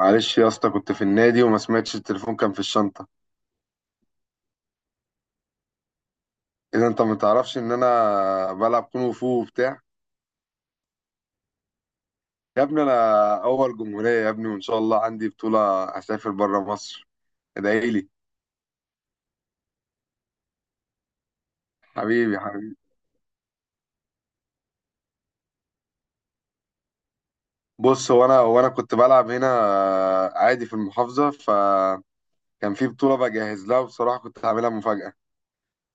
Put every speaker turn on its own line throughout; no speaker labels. معلش يا اسطى، كنت في النادي وما سمعتش التليفون، كان في الشنطة. اذا انت ما تعرفش ان انا بلعب كونغ فو وبتاع. يا ابني انا اول جمهورية يا ابني، وان شاء الله عندي بطولة هسافر بره مصر. ادعي لي. حبيبي حبيبي. بص، هو انا كنت بلعب هنا عادي في المحافظة، فكان في بطولة بجهز لها، وبصراحة كنت هعملها مفاجأة.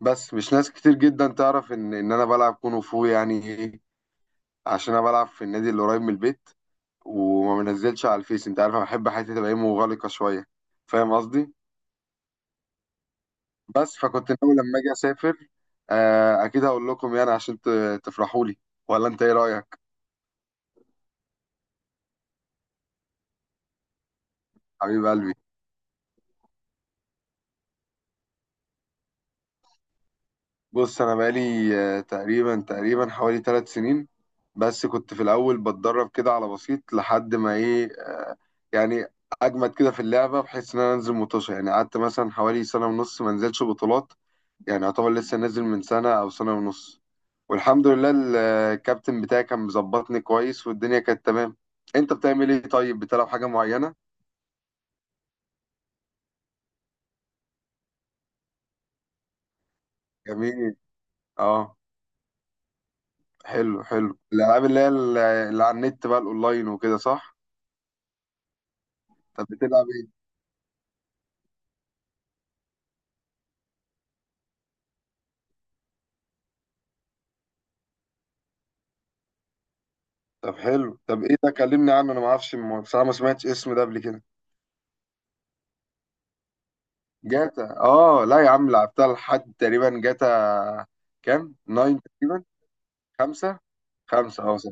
بس مش ناس كتير جدا تعرف ان انا بلعب كونغ فو يعني ايه. عشان انا بلعب في النادي اللي قريب من البيت، وما بنزلش على الفيس. انت عارف انا بحب حياتي تبقى ايه، مغلقه شويه. فاهم قصدي؟ بس فكنت ناوي لما اجي اسافر، اكيد هقول لكم يعني عشان تفرحوا لي. ولا انت ايه رايك؟ حبيب قلبي. بص انا بقالي تقريبا حوالي 3 سنين. بس كنت في الاول بتدرب كده على بسيط، لحد ما ايه، يعني اجمد كده في اللعبه، بحيث ان انا انزل مطوشه. يعني قعدت مثلا حوالي سنه ونص ما انزلش بطولات. يعني يعتبر لسه نازل من سنة أو سنة ونص. والحمد لله، الكابتن بتاعي كان مظبطني كويس، والدنيا كانت تمام. أنت بتعمل إيه طيب؟ بتلعب حاجة معينة؟ جميل. أه. حلو حلو، الألعاب اللي هي اللي على النت بقى، الأونلاين وكده، صح؟ طب بتلعب إيه؟ طب حلو، طب إيه ده؟ كلمني عنه، أنا ما أعرفش، بصراحة ما سمعتش اسم ده قبل كده. جاتا، أه لا يا عم لعبتها لحد تقريبا جاتا كام؟ 9 تقريبا. خمسة. خمسة أه صح.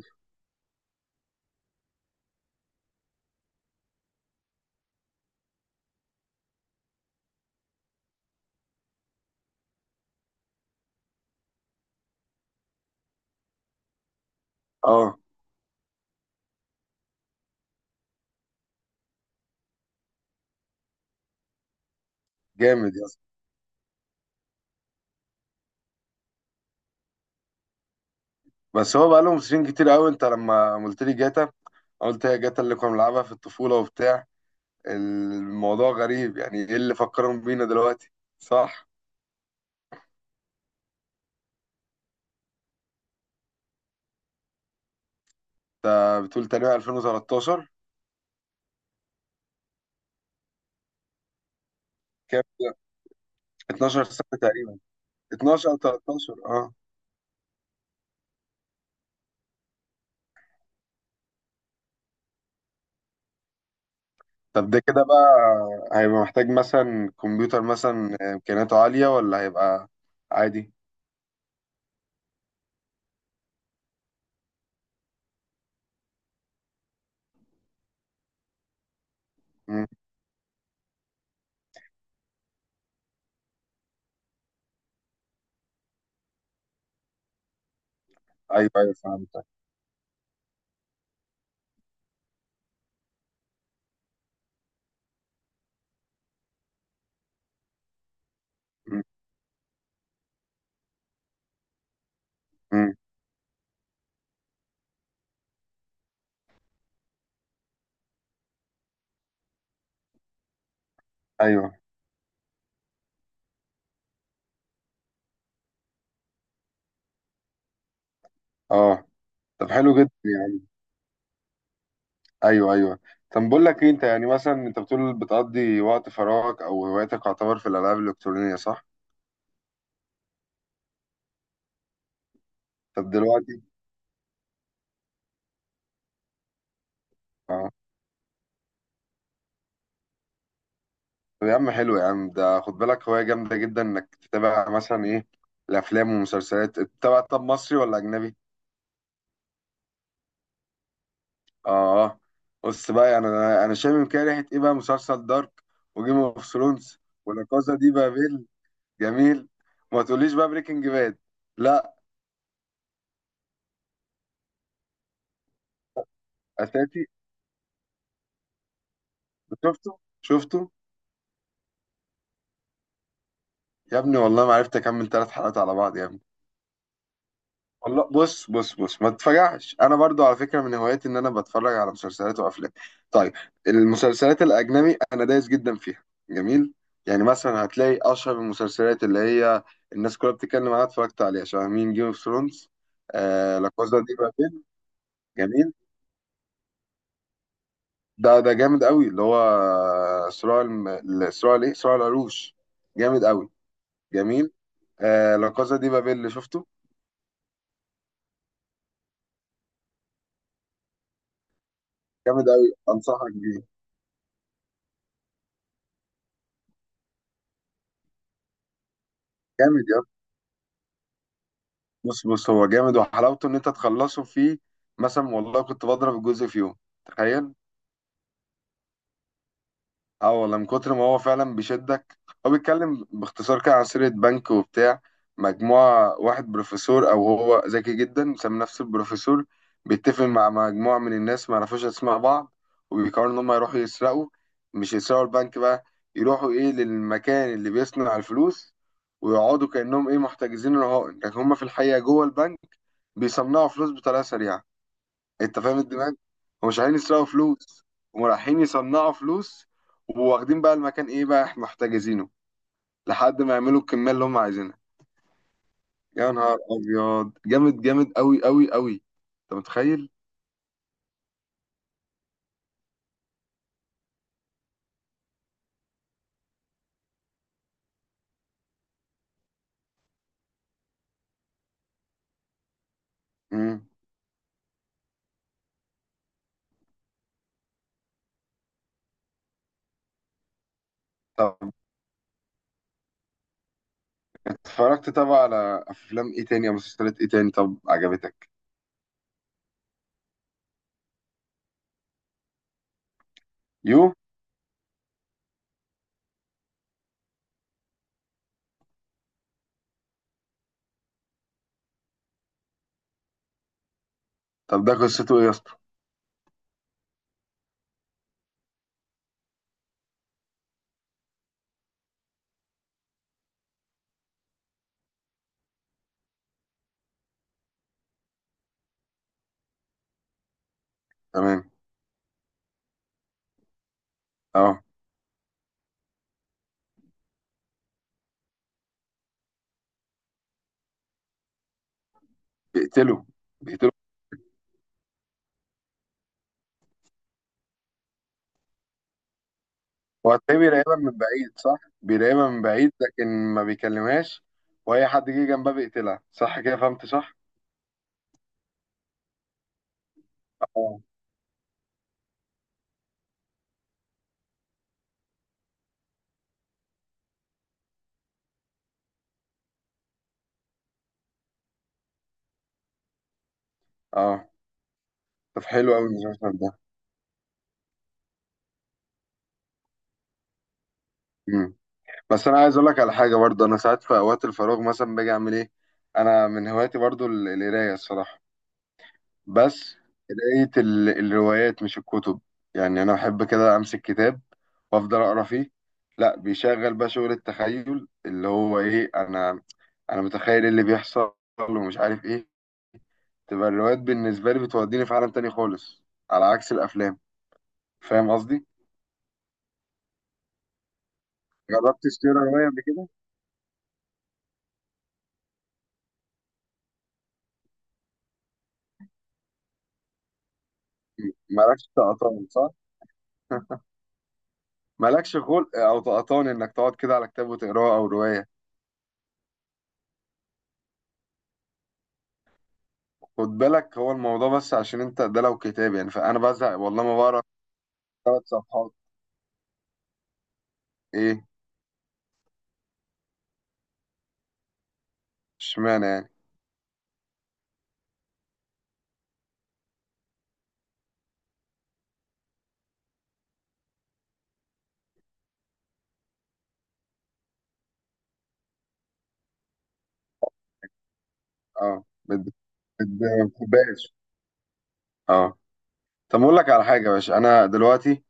أه جامد. بس هو بقى لهم سنين كتير قوي. انت لما قلت لي جاتا، أنا قلت هي جاتا اللي كنا بنلعبها في الطفولة وبتاع. الموضوع غريب يعني، ايه اللي فكرهم بينا دلوقتي؟ صح، انت بتقول تقريبا 2013. كام ده؟ 12 سنة تقريبا. 12 او 13، اه. طب ده كده بقى هيبقى محتاج مثلا كمبيوتر مثلا امكانياته عالية، ولا هيبقى عادي؟ مم. ايوه ايوه، فهمتك. مم. مم. ايوه. اه. طب حلو جدا يعني. ايوه ايوه. طب بقول لك ايه، انت يعني مثلا انت بتقول بتقضي وقت فراغك او هوايتك يعتبر في الالعاب الالكترونيه، صح؟ طب دلوقتي. اه. طب يا عم، حلو يا عم. ده خد بالك هوايه جامده جدا انك تتابع مثلا ايه، الافلام والمسلسلات تتابع. طب مصري ولا اجنبي؟ اه. بص بقى يعني انا انا شامم كده ريحه ايه بقى، مسلسل دارك، وجيم اوف ثرونز، ولا كازا دي بابيل؟ جميل. ما تقوليش بقى بريكنج باد. لا. اساتي. شفته. شفته. يا ابني والله ما عرفت اكمل 3 حلقات على بعض يا ابني. والله بص بص بص، ما تتفجعش، انا برضو على فكره من هواياتي ان انا بتفرج على مسلسلات وافلام. طيب، المسلسلات الاجنبي انا دايس جدا فيها. جميل. يعني مثلا هتلاقي اشهر المسلسلات اللي هي الناس كلها بتتكلم عنها اتفرجت عليها، شبه مين، جيم اوف ثرونز. آه لا كوزا دي بابيل. جميل. ده ده جامد قوي، اللي هو صراع صراع الايه، صراع العروش. جامد قوي. جميل. آه لا كوزا دي بابيل اللي شفته، جامد قوي، انصحك بيه. جامد. بص بص، هو جامد وحلاوته ان انت تخلصه فيه. مثلا والله كنت بضرب الجزء في يوم، تخيل. اه والله، من كتر ما هو فعلا بيشدك. هو بيتكلم باختصار كده عن سيرة بنك وبتاع، مجموعة واحد بروفيسور أو هو ذكي جدا سمي نفسه البروفيسور، بيتفق مع مجموعة من الناس ما يعرفوش أسماء بعض، وبيقرروا إن هم يروحوا يسرقوا. مش يسرقوا البنك بقى، يروحوا إيه للمكان اللي بيصنع الفلوس، ويقعدوا كأنهم إيه محتجزين رهائن، لكن هم في الحقيقة جوه البنك بيصنعوا فلوس بطريقة سريعة. انت فاهم الدماغ؟ هم مش عايزين يسرقوا فلوس، هم رايحين يصنعوا فلوس، وواخدين بقى المكان ايه بقى، احنا محتجزينه لحد ما يعملوا الكميه اللي هم عايزينها. يا نهار ابيض، جامد جامد قوي قوي قوي. انت متخيل؟ امم. طب اتفرجت طبعا على افلام ايه تاني او مسلسلات ايه تاني طب عجبتك؟ يو. طب ده قصته ايه يا اسطى؟ تمام. اه. بيقتله. بيقتله. هو هتلاقيه بيراقبها من بعيد صح، بيراقبها من بعيد، لكن ما بيكلمهاش. واي حد جه جنبها بيقتلها، صح كده، فهمت صح؟ اه. اه. طب حلو قوي المسلسل ده. امم. بس انا عايز اقول لك على حاجه برضه، انا ساعات في اوقات الفراغ مثلا باجي اعمل ايه، انا من هواياتي برضه القرايه الصراحه. بس قرايه الروايات، مش الكتب. يعني انا بحب كده امسك كتاب وافضل اقرا فيه. لا، بيشغل بقى شغل التخيل اللي هو ايه، انا انا متخيل إيه اللي بيحصل ومش عارف ايه. تبقى الروايات بالنسبه لي بتوديني في عالم تاني خالص، على عكس الافلام. فاهم قصدي؟ جربت تشتري روايه قبل كده؟ مالكش تقطان صح؟ مالكش خلق او تقطان انك تقعد كده على كتاب وتقراه او روايه. خد بالك هو الموضوع، بس عشان انت ده لو كتاب يعني فانا بزهق والله، ما بقرا 3 صفحات. ايه؟ اشمعنى يعني؟ اه، ما بتحبهاش. اه. طب اقول لك على حاجه يا باشا، انا دلوقتي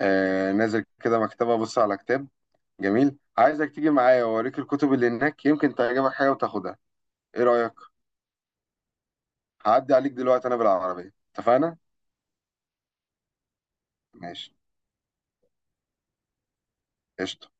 نازل كده مكتبه ابص على كتاب. جميل، عايزك تيجي معايا واوريك الكتب اللي هناك، يمكن تعجبك حاجه وتاخدها. ايه رايك؟ هعدي عليك دلوقتي انا بالعربيه، اتفقنا؟ ماشي. قشطة.